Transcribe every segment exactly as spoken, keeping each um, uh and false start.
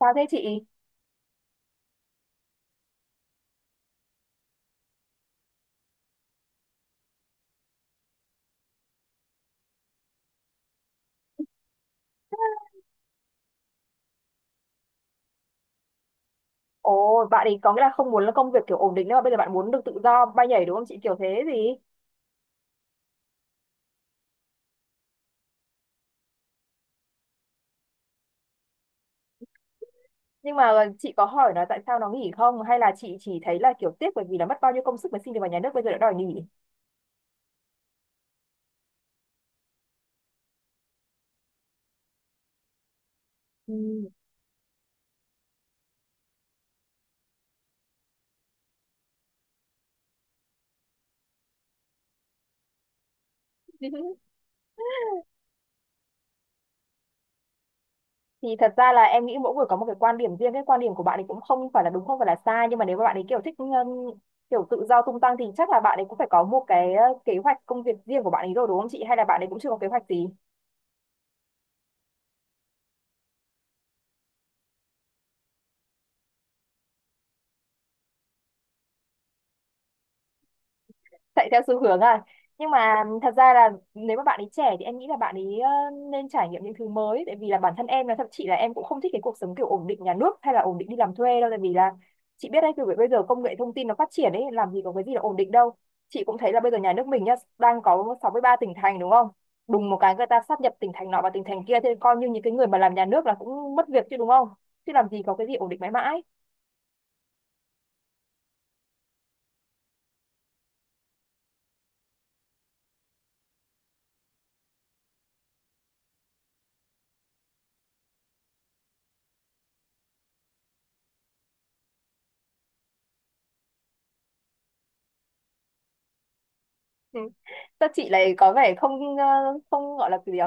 Sao thế chị? Ồ, bạn ấy có nghĩa là không muốn là công việc kiểu ổn định nữa mà bây giờ bạn muốn được tự do bay nhảy đúng không chị? Kiểu thế gì? Nhưng mà chị có hỏi nó tại sao nó nghỉ không? Hay là chị chỉ thấy là kiểu tiếc bởi vì là mất bao nhiêu công sức mới xin được vào nhà nước bây giờ đã đòi nghỉ? Ừ. Thì thật ra là em nghĩ mỗi người có một cái quan điểm riêng, cái quan điểm của bạn ấy cũng không phải là đúng không phải là sai nhưng mà nếu mà bạn ấy kiểu thích um, kiểu tự do tung tăng thì chắc là bạn ấy cũng phải có một cái uh, kế hoạch công việc riêng của bạn ấy rồi đúng không chị? Hay là bạn ấy cũng chưa có kế hoạch gì? Chạy theo xu hướng à. Nhưng mà thật ra là nếu mà bạn ấy trẻ thì em nghĩ là bạn ấy ờ, nên trải nghiệm những thứ mới tại vì là bản thân em là thậm chí là em cũng không thích cái cuộc sống kiểu ổn định nhà nước hay là ổn định đi làm thuê đâu tại vì là chị biết đấy kiểu bây giờ công nghệ thông tin nó phát triển ấy làm gì có cái gì là ổn định đâu. Chị cũng thấy là bây giờ nhà nước mình nhá đang có sáu mươi ba tỉnh thành đúng không, đùng một cái người ta sáp nhập tỉnh thành nọ và tỉnh thành kia thế coi như những cái người mà làm nhà nước là cũng mất việc chứ đúng không, chứ làm gì có cái gì ổn định mãi mãi. Ừ. Sao chị lại có vẻ không ờ, không gọi là cái gì nhỉ?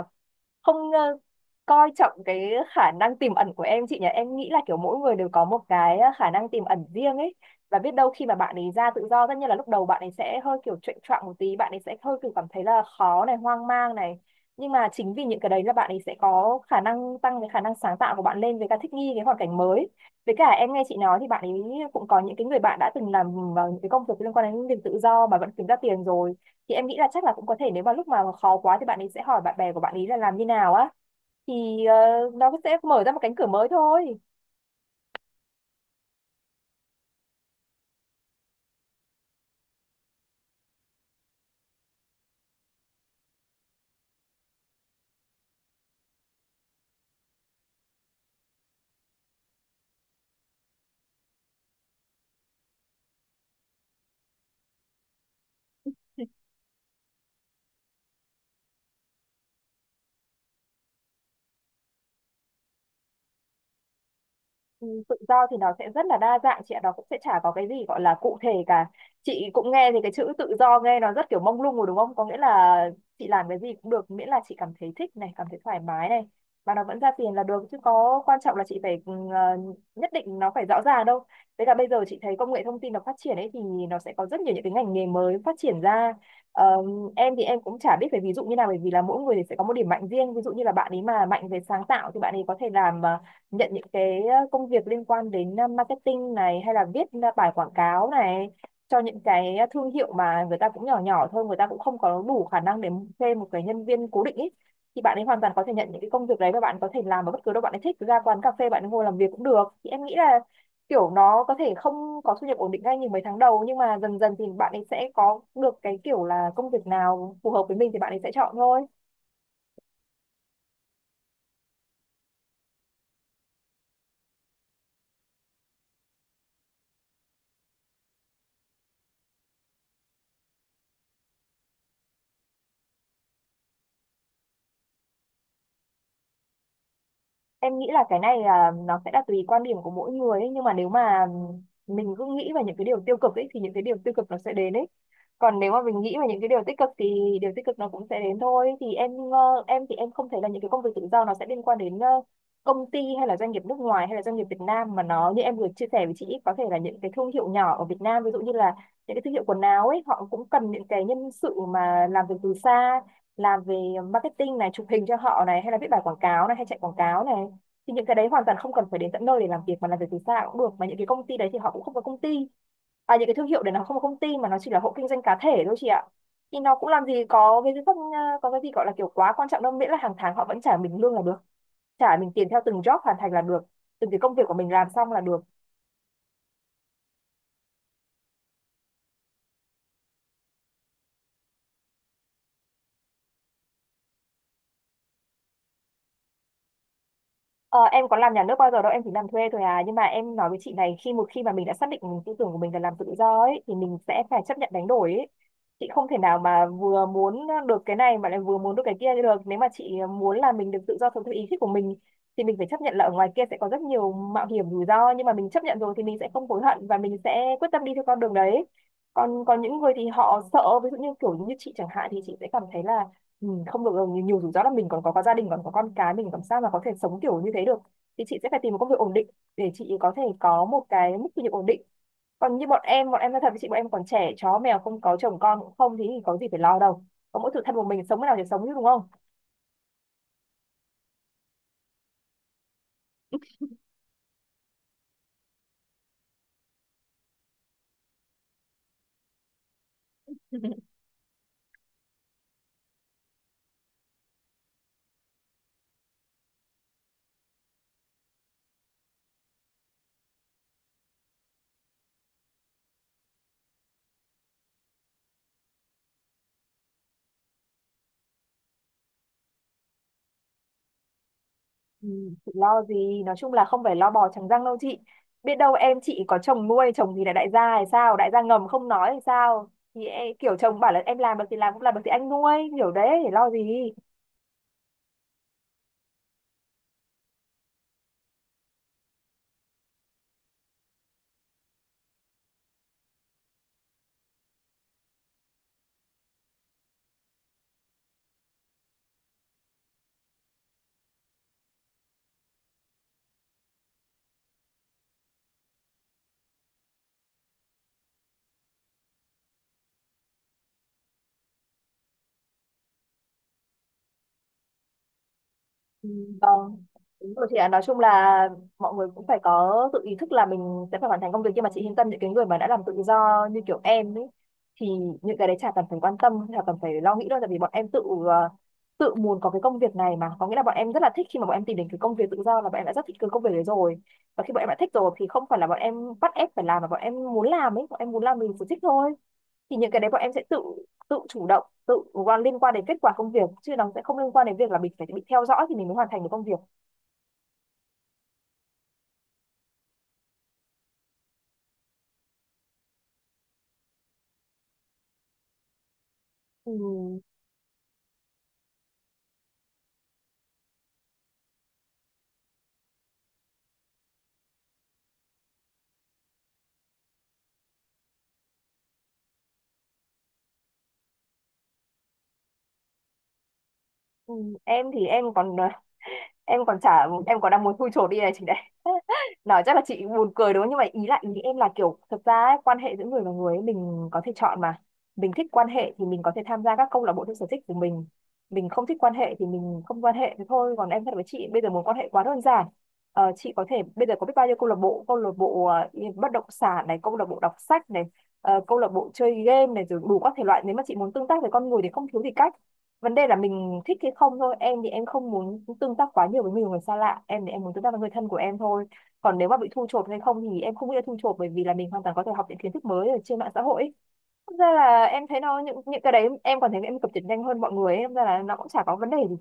Không ờ, coi trọng cái khả năng tiềm ẩn của em chị nhỉ? Em nghĩ là kiểu mỗi người đều có một cái ờ, khả năng tiềm ẩn riêng ấy, và biết đâu khi mà bạn ấy ra tự do tất nhiên là lúc đầu bạn ấy sẽ hơi kiểu chệch choạng một tí, bạn ấy sẽ hơi kiểu cảm thấy là khó này, hoang mang này. Nhưng mà chính vì những cái đấy là bạn ấy sẽ có khả năng tăng cái khả năng sáng tạo của bạn lên với cả thích nghi cái hoàn cảnh mới. Với cả em nghe chị nói thì bạn ấy cũng có những cái người bạn đã từng làm vào những cái công việc liên quan đến việc tự do mà vẫn kiếm ra tiền rồi thì em nghĩ là chắc là cũng có thể nếu mà lúc mà khó quá thì bạn ấy sẽ hỏi bạn bè của bạn ấy là làm như nào á thì ờ, nó sẽ mở ra một cánh cửa mới thôi. Ừ, tự do thì nó sẽ rất là đa dạng chị ạ, nó cũng sẽ chả có cái gì gọi là cụ thể cả. Chị cũng nghe thì cái chữ tự do nghe nó rất kiểu mông lung rồi đúng không? Có nghĩa là chị làm cái gì cũng được, miễn là chị cảm thấy thích này, cảm thấy thoải mái này và nó vẫn ra tiền là được chứ có quan trọng là chị phải ừ, ờ, nhất định nó phải rõ ràng đâu. Với cả bây giờ chị thấy công nghệ thông tin nó phát triển ấy thì nó sẽ có rất nhiều những cái ngành nghề mới phát triển ra. Ờ, em thì em cũng chả biết phải ví dụ như nào bởi vì là mỗi người thì sẽ có một điểm mạnh riêng. Ví dụ như là bạn ấy mà mạnh về sáng tạo thì bạn ấy có thể làm ờ, nhận những cái ờ, công việc liên quan đến ờ, marketing này hay là viết ờ, bài quảng cáo này cho những cái ờ, thương hiệu mà người ta cũng nhỏ nhỏ thôi người ta cũng không có đủ khả năng để thuê một cái nhân viên cố định ý, thì bạn ấy hoàn toàn có thể nhận những cái công việc đấy và bạn có thể làm ở bất cứ đâu bạn ấy thích, ra quán cà phê bạn ấy ngồi làm việc cũng được thì em nghĩ là kiểu nó có thể không có thu nhập ổn định ngay những mấy tháng đầu nhưng mà dần dần thì bạn ấy sẽ có được cái kiểu là công việc nào phù hợp với mình thì bạn ấy sẽ chọn thôi. Em nghĩ là cái này là nó sẽ là tùy quan điểm của mỗi người ấy. Nhưng mà nếu mà mình cứ nghĩ về những cái điều tiêu cực ấy thì những cái điều tiêu cực nó sẽ đến ấy, còn nếu mà mình nghĩ về những cái điều tích cực thì điều tích cực nó cũng sẽ đến thôi. Thì em ờ, em thì em không thấy là những cái công việc tự do nó sẽ liên quan đến ờ, công ty hay là doanh nghiệp nước ngoài hay là doanh nghiệp Việt Nam mà nó như em vừa chia sẻ với chị ấy, có thể là những cái thương hiệu nhỏ ở Việt Nam, ví dụ như là những cái thương hiệu quần áo ấy họ cũng cần những cái nhân sự mà làm việc từ xa, làm về marketing này, chụp hình cho họ này hay là viết bài quảng cáo này hay chạy quảng cáo này, thì những cái đấy hoàn toàn không cần phải đến tận nơi để làm việc mà làm việc từ xa cũng được, mà những cái công ty đấy thì họ cũng không có công ty, à những cái thương hiệu đấy nó không có công ty mà nó chỉ là hộ kinh doanh cá thể thôi chị ạ, thì nó cũng làm gì có cái gì không ờ, có cái gì gọi là kiểu quá quan trọng đâu, miễn là hàng tháng họ vẫn trả mình lương là được, trả mình tiền theo từng job hoàn thành là được, từng cái công việc của mình làm xong là được. Ờ, em có làm nhà nước bao giờ đâu, em chỉ làm thuê thôi à. Nhưng mà em nói với chị này, khi một khi mà mình đã xác định tư tưởng của mình là làm tự do ấy, thì mình sẽ phải chấp nhận đánh đổi ấy. Chị không thể nào mà vừa muốn được cái này mà lại vừa muốn được cái kia được. Nếu mà chị muốn là mình được tự do sống theo ý thích của mình, thì mình phải chấp nhận là ở ngoài kia sẽ có rất nhiều mạo hiểm rủi ro. Nhưng mà mình chấp nhận rồi thì mình sẽ không hối hận và mình sẽ quyết tâm đi theo con đường đấy. Còn còn những người thì họ sợ, ví dụ như kiểu như chị chẳng hạn thì chị sẽ cảm thấy là ừ, không được rồi, nhiều, nhiều rủi ro lắm, mình còn có, có gia đình còn có con cái, mình làm sao mà có thể sống kiểu như thế được, thì chị sẽ phải tìm một công việc ổn định để chị có thể có một cái mức thu nhập ổn định. Còn như bọn em bọn em nói thật với chị, bọn em còn trẻ chó mèo, không có chồng con cũng không thì có gì phải lo đâu, có mỗi tự thân một mình sống thế nào thì sống chứ đúng không. Ừ, chị lo gì, nói chung là không phải lo bò trắng răng đâu chị, biết đâu em chị có chồng nuôi, chồng thì là đại gia hay sao, đại gia ngầm không nói hay sao, thì e- kiểu chồng bảo là em làm được thì làm, cũng làm được thì anh nuôi, hiểu đấy thì lo gì. Ừ, vâng, đúng rồi chị ạ. Nói chung là mọi người cũng phải có tự ý thức là mình sẽ phải hoàn thành công việc, nhưng mà chị yên tâm, những cái người mà đã làm tự do như kiểu em ấy thì những cái đấy chả cần phải quan tâm, chả cần phải lo nghĩ đâu, tại vì bọn em tự ờ, tự muốn có cái công việc này mà, có nghĩa là bọn em rất là thích, khi mà bọn em tìm đến cái công việc tự do là bọn em đã rất thích cái công việc đấy rồi. Và khi bọn em đã thích rồi thì không phải là bọn em bắt ép phải làm mà bọn em muốn làm ấy, bọn em muốn làm mình sẽ thích thôi. Thì những cái đấy bọn em sẽ tự tự chủ động, tự liên quan đến kết quả công việc, chứ nó sẽ không liên quan đến việc là mình phải bị theo dõi thì mình mới hoàn thành được công việc. Ừ, ừ, em thì em còn ờ, em còn chả, em còn đang muốn thui chột đi này chị đấy. Nói chắc là chị buồn cười đúng không, nhưng mà ý lại ý em là kiểu thực ra ấy, quan hệ giữa người và người ấy, mình có thể chọn mà. Mình thích quan hệ thì mình có thể tham gia các câu lạc bộ theo sở thích của mình mình không thích quan hệ thì mình không quan hệ, thế thôi. Còn em thật với chị, bây giờ muốn quan hệ quá đơn giản. Ờ, chị có thể bây giờ có biết bao nhiêu câu lạc bộ, câu lạc bộ ờ, bất động sản này, câu lạc bộ đọc sách này, ờ, câu lạc bộ chơi game này, rồi đủ các thể loại. Nếu mà chị muốn tương tác với con người thì không thiếu gì cách, vấn đề là mình thích hay không thôi. Em thì em không muốn tương tác quá nhiều với nhiều người xa lạ, em thì em muốn tương tác với người thân của em thôi. Còn nếu mà bị thu chột hay không thì em không nghĩ là thu chột, bởi vì là mình hoàn toàn có thể học những kiến thức mới ở trên mạng xã hội ấy. Thật ra là em thấy nó, những những cái đấy em còn thấy em cập nhật nhanh hơn mọi người ấy. Thật ra là nó cũng chả có vấn đề gì.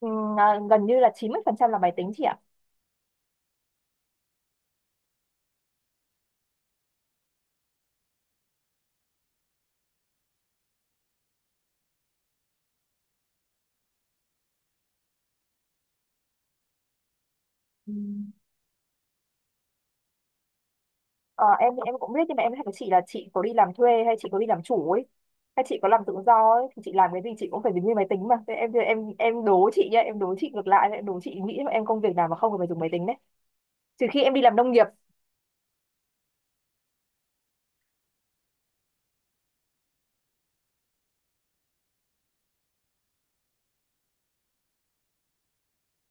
Ừm, à, gần như là chín mươi phần trăm là máy tính chị ạ. Ừ. Ờ, em thì em cũng biết, nhưng mà em hỏi chị là chị có đi làm thuê hay chị có đi làm chủ ấy, hay chị có làm tự do ấy, thì chị làm cái gì chị cũng phải dùng như máy tính mà. Thế em em em đố chị nhá, em đố chị ngược lại, em đố chị nghĩ em công việc nào mà không cần phải dùng máy tính đấy, trừ khi em đi làm nông nghiệp.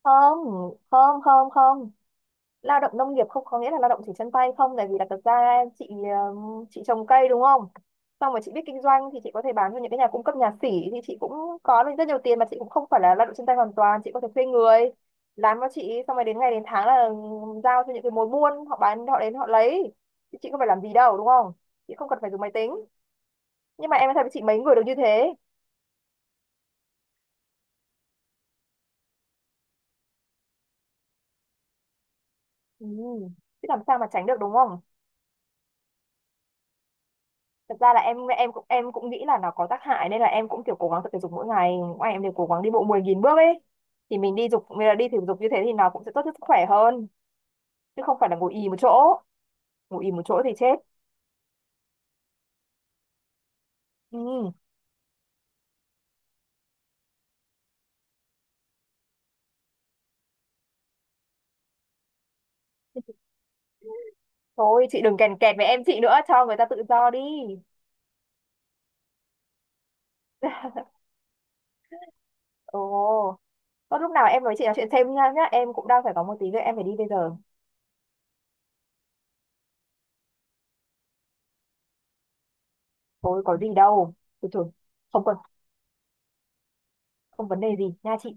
Không, không không không, lao động nông nghiệp không có nghĩa là lao động chỉ chân tay không, tại vì là thật ra chị, um, chị trồng cây đúng không, xong rồi chị biết kinh doanh thì chị có thể bán cho những cái nhà cung cấp, nhà xỉ, thì chị cũng có được rất nhiều tiền, mà chị cũng không phải là lao động chân tay hoàn toàn, chị có thể thuê người làm cho chị, xong rồi đến ngày đến tháng là giao cho những cái mối buôn, họ bán, họ đến họ lấy, thì chị không phải làm gì đâu đúng không, chị không cần phải dùng máy tính. Nhưng mà em nói thật với chị, mấy người được như thế. Ừ. Chứ làm sao mà tránh được đúng không. Thật ra là em em cũng em cũng nghĩ là nó có tác hại, nên là em cũng kiểu cố gắng tập thể dục mỗi ngày, ngoài em đều cố gắng đi bộ mười nghìn bước ấy, thì mình đi dục mình là đi thể dục như thế thì nó cũng sẽ tốt cho sức khỏe hơn, chứ không phải là ngồi ì một chỗ. Ngồi ì một chỗ thì chết. Ừ. Thôi chị đừng kèn kẹt với em, chị nữa cho người ta tự do đi. Ồ, có lúc nào em nói chị nói chuyện thêm nha nhá, em cũng đang phải có một tí việc em phải đi bây giờ. Thôi có gì đâu. Thôi thôi. Không cần. Không vấn đề gì nha chị.